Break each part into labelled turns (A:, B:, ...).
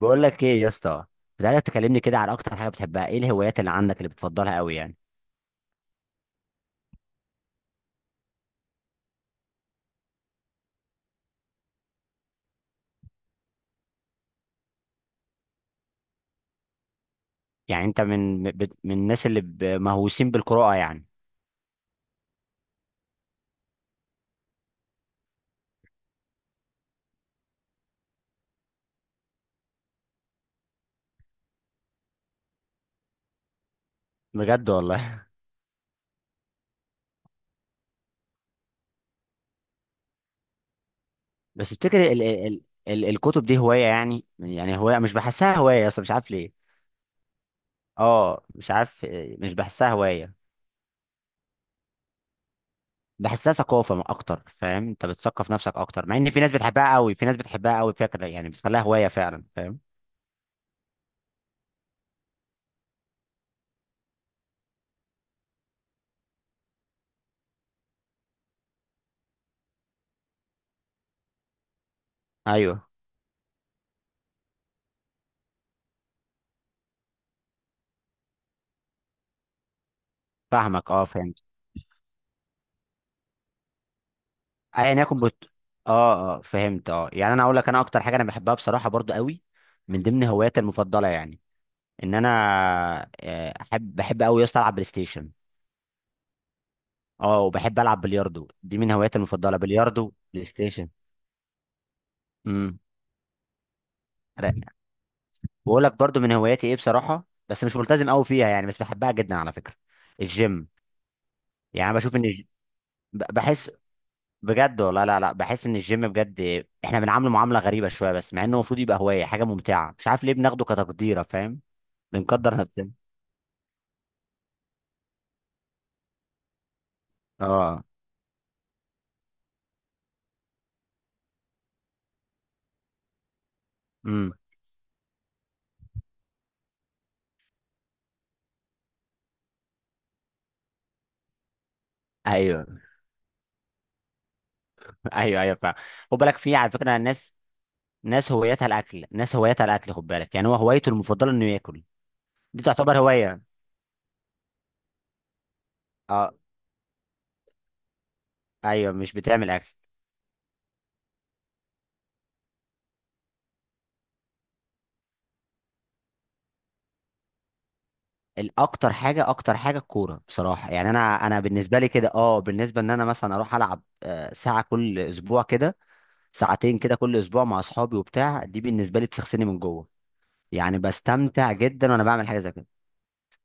A: بقول لك ايه يا اسطى. كنت عايزك تكلمني كده على اكتر حاجه بتحبها، ايه الهوايات اللي عندك اللي بتفضلها قوي يعني؟ يعني انت من من الناس اللي مهووسين بالقراءه يعني؟ بجد والله. بس تفتكر ال ال ال ال الكتب دي هوايه؟ يعني هوايه مش بحسها هوايه اصلا، مش عارف ليه. اه مش عارف إيه، مش بحسها هوايه. بحسها ثقافه اكتر، فاهم، انت بتثقف نفسك اكتر، مع ان في ناس بتحبها قوي، في ناس بتحبها قوي فكره، يعني بتخليها هوايه فعلا، فاهم. ايوه فاهمك، اه فهمت. ايا يكن اه اه فهمت. اه يعني انا اقول لك، انا اكتر حاجه انا بحبها بصراحه برضو قوي، من ضمن هواياتي المفضله، يعني ان انا بحب قوي يا اسطى العب بلاي ستيشن. اه وبحب العب بلياردو، دي من هواياتي المفضله، بلياردو، بلاي ستيشن. امم بقول لك برضو من هواياتي، ايه بصراحه بس مش ملتزم قوي فيها، يعني بس بحبها جدا على فكره. الجيم. يعني أنا بشوف ان بحس. بجد والله، لا لا بحس ان الجيم، بجد احنا بنعامله معامله غريبه شويه، بس مع انه المفروض يبقى هوايه، حاجه ممتعه مش عارف ليه بناخده كتقديره، فاهم، بنقدر نفسنا. اه امم ايوه. ايوه ايوه فعلا. خد بالك، في على فكره ناس، ناس هوايتها الاكل، ناس هوايتها الاكل، خد بالك، يعني هو هوايته المفضله انه ياكل، دي تعتبر هوايه. اه ايوه، مش بتعمل اكل. الاكتر حاجه، اكتر حاجه الكوره بصراحه، يعني انا بالنسبه لي كده، اه بالنسبه ان انا مثلا اروح العب ساعه كل اسبوع كده، ساعتين كده كل اسبوع مع اصحابي وبتاع، دي بالنسبه لي بتغسلني من جوه، يعني بستمتع جدا وانا بعمل حاجه زي كده.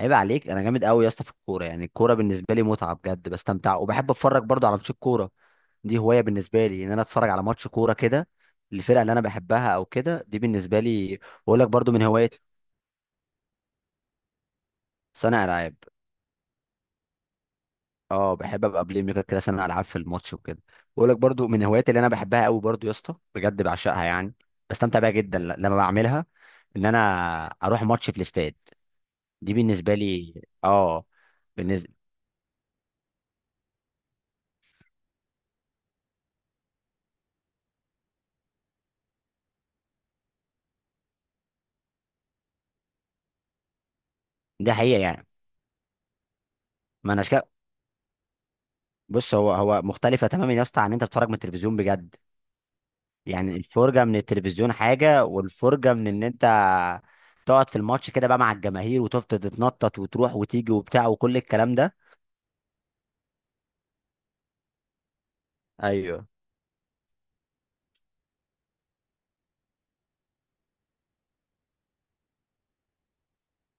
A: عيب عليك، انا جامد قوي يا اسطى في الكوره، يعني الكوره بالنسبه لي متعه بجد، بستمتع وبحب اتفرج برضه على ماتشات كوره. دي هوايه بالنسبه لي، ان انا اتفرج على ماتش كوره كده، الفرقه اللي انا بحبها او كده، دي بالنسبه لي. بقول لك برضه من هواياتي، صانع العاب. اه بحب ابقى بلاي ميكر كده، صانع العاب في الماتش وكده. بقول لك برضه من هواياتي اللي انا بحبها قوي برضه يا اسطى، بجد بعشقها، يعني بستمتع بيها جدا لما بعملها، ان انا اروح ماتش في الاستاد، دي بالنسبه لي، اه بالنسبه. دي حقيقه يعني، ما انا، بص هو هو مختلفة تماما يا اسطى عن ان انت بتتفرج من التلفزيون بجد. يعني الفرجة من التلفزيون حاجة، والفرجة من ان انت تقعد في الماتش كده بقى مع الجماهير وتفضل تتنطط وتروح وتيجي وبتاع وكل الكلام ده. ايوه،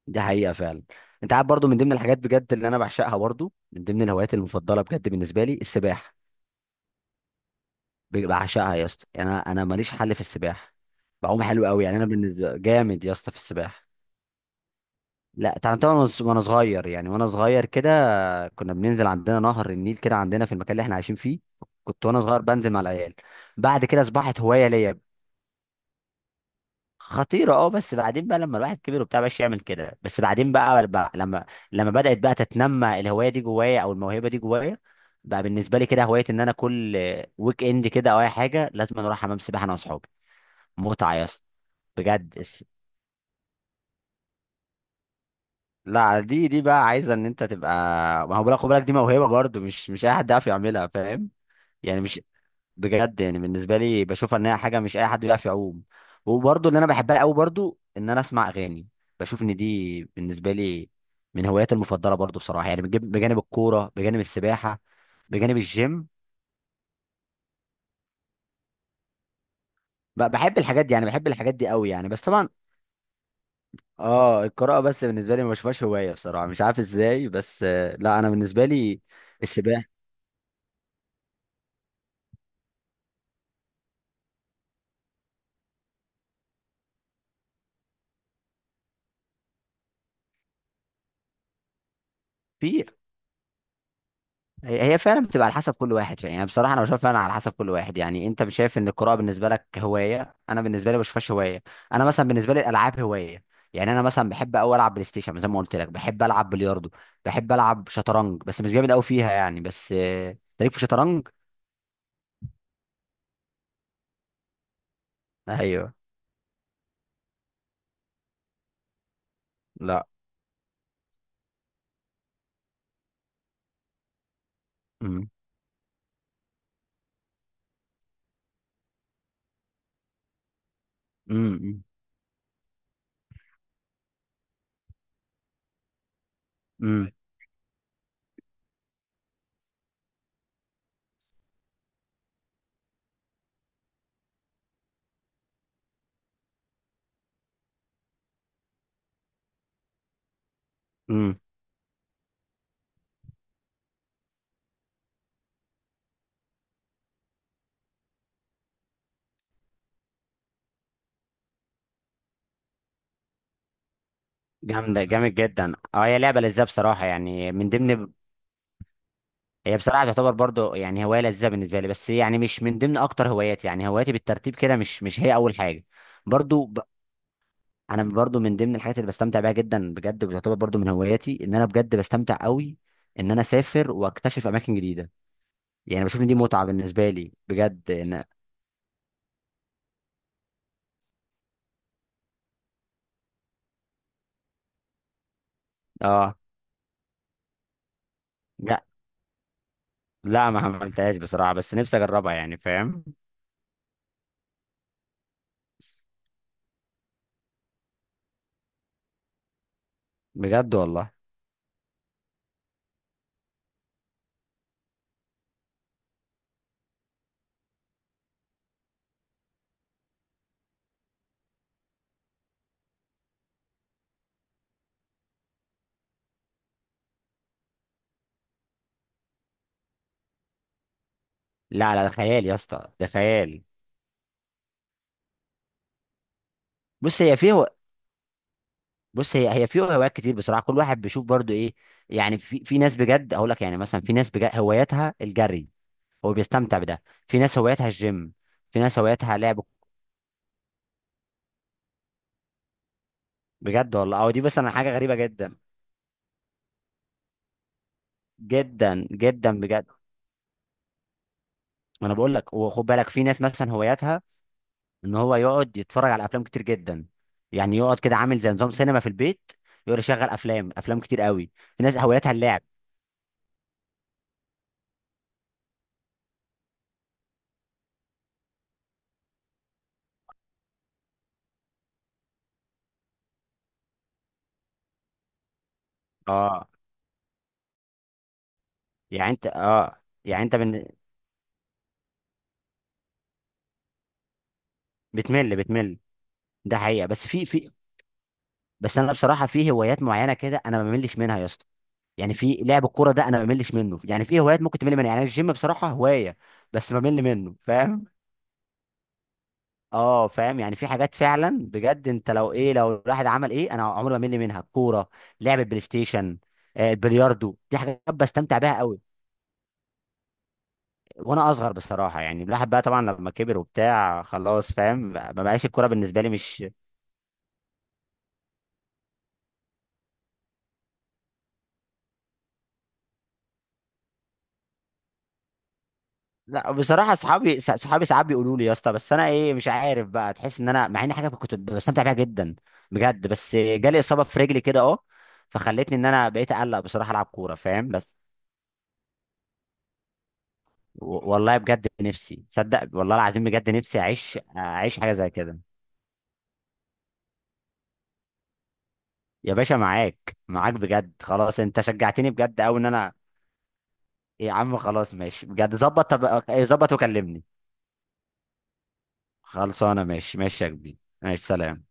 A: دي حقيقة فعلا. انت عارف، برضو من ضمن الحاجات بجد اللي انا بعشقها، برضو من ضمن الهوايات المفضلة بجد بالنسبة لي، السباحة. بعشقها يا اسطى، يعني انا ماليش حل في السباحة، بعوم حلو قوي، يعني انا بالنسبة جامد يا اسطى في السباحة. لا تعلمتها وأنا صغير، يعني وانا صغير كده، كنا بننزل عندنا نهر النيل كده عندنا في المكان اللي احنا عايشين فيه، كنت وانا صغير بنزل مع العيال. بعد كده اصبحت هوايه ليا. خطيره اه، بس بعدين بقى لما الواحد كبر وبتاع مبقاش يعمل كده، بس بعدين بقى لما بدات بقى تتنمى الهوايه دي جوايا او الموهبه دي جوايا، بقى بالنسبه لي كده هوايه ان انا كل ويك اند كده او اي حاجه، لازم أنا اروح حمام سباحه انا واصحابي. متعه يا اسطى. بجد لا دي بقى عايزه ان انت تبقى، ما هو بالك، خد بالك دي موهبه برضه، مش اي حد يعرف يعملها، فاهم، يعني مش، بجد يعني بالنسبه لي بشوفها ان هي حاجه مش اي حد بيعرف يعوم. وبرضه اللي انا بحبها قوي برضه، ان انا اسمع اغاني، بشوف ان دي بالنسبه لي من هواياتي المفضله برضه بصراحه، يعني بجانب الكوره، بجانب السباحه، بجانب الجيم. بحب الحاجات دي، يعني بحب الحاجات دي قوي يعني، بس طبعا اه القراءه، بس بالنسبه لي ما بشوفهاش هوايه بصراحه، مش عارف ازاي بس لا انا بالنسبه لي السباحه. في هي هي فعلا بتبقى على حسب كل واحد، يعني بصراحه انا بشوف فعلا على حسب كل واحد، يعني انت مش شايف ان القراءه بالنسبه لك هوايه، انا بالنسبه لي بشوفهاش هوايه. انا مثلا بالنسبه لي الالعاب هوايه، يعني انا مثلا بحب قوي العب بلاي ستيشن زي ما قلت لك، بحب العب بلياردو، بحب العب شطرنج بس مش جامد قوي فيها يعني، بس تاريخ في شطرنج. ايوه لا. امم امم امم امم جامده جامد جدا، اه هي لعبه لذيذه بصراحه يعني، من ضمن، هي بصراحة تعتبر برضو يعني هواية لذيذة بالنسبة لي، بس يعني مش من ضمن أكتر هواياتي، يعني هواياتي بالترتيب كده مش هي أول حاجة. برضو أنا برضو من ضمن الحاجات اللي بستمتع بيها جدا بجد، وبتعتبر برضو من هواياتي، إن أنا بجد بستمتع قوي إن أنا أسافر وأكتشف أماكن جديدة، يعني بشوف إن دي متعة بالنسبة لي بجد إن. آه لا، لا ما عملتهاش بصراحة، بس نفسي أجربها يعني، فاهم. بجد والله، لا لا ده خيال يا اسطى، ده خيال. بص هي في، بص هي هي في هوايات كتير بصراحه كل واحد بيشوف برضو ايه، يعني في ناس بجد اقول لك، يعني مثلا في ناس بجد هواياتها الجري هو بيستمتع بده، في ناس هواياتها الجيم، في ناس هواياتها لعب. بجد والله، او دي مثلا حاجه غريبه جدا، جدا جدا بجد. انا بقول لك، وخد بالك في ناس مثلا هواياتها ان هو يقعد يتفرج على افلام كتير جدا، يعني يقعد كده عامل زي نظام سينما في البيت، يقعد يشغل افلام افلام كتير قوي. في ناس هواياتها اللعب. اه يعني انت اه يعني انت بتمل بتمل. ده حقيقة، بس في بس انا بصراحه في هوايات معينه كده انا ما بملش منها يا اسطى، يعني في لعب الكوره ده انا ما بملش منه، يعني في هوايات ممكن تمل منها، يعني الجيم بصراحه هوايه بس بمل منه، فاهم. اه فاهم، يعني في حاجات فعلا بجد، انت لو ايه، لو الواحد عمل ايه انا عمري ما بمل منها الكوره، لعب البلاي ستيشن، البلياردو، دي حاجات بستمتع بيها قوي. وانا اصغر بصراحه، يعني الواحد بقى طبعا لما كبر وبتاع خلاص، فاهم ما بقاش الكوره بالنسبه لي مش، لا بصراحه اصحابي صحابي ساعات بيقولوا لي يا اسطى، بس انا ايه مش عارف بقى، تحس ان انا مع ان حاجه كنت بستمتع بيها جدا بجد، بس جالي اصابه في رجلي كده اه، فخلتني ان انا بقيت اقلق بصراحه العب كوره، فاهم بس والله بجد نفسي تصدق والله العظيم، بجد نفسي اعيش اعيش حاجه زي كده. يا باشا معاك معاك بجد، خلاص انت شجعتني بجد قوي، ان انا يا عم خلاص ماشي بجد، ظبط، طب ظبط وكلمني. خلصانه ماشي ماشي يا كبير. ماشي سلام.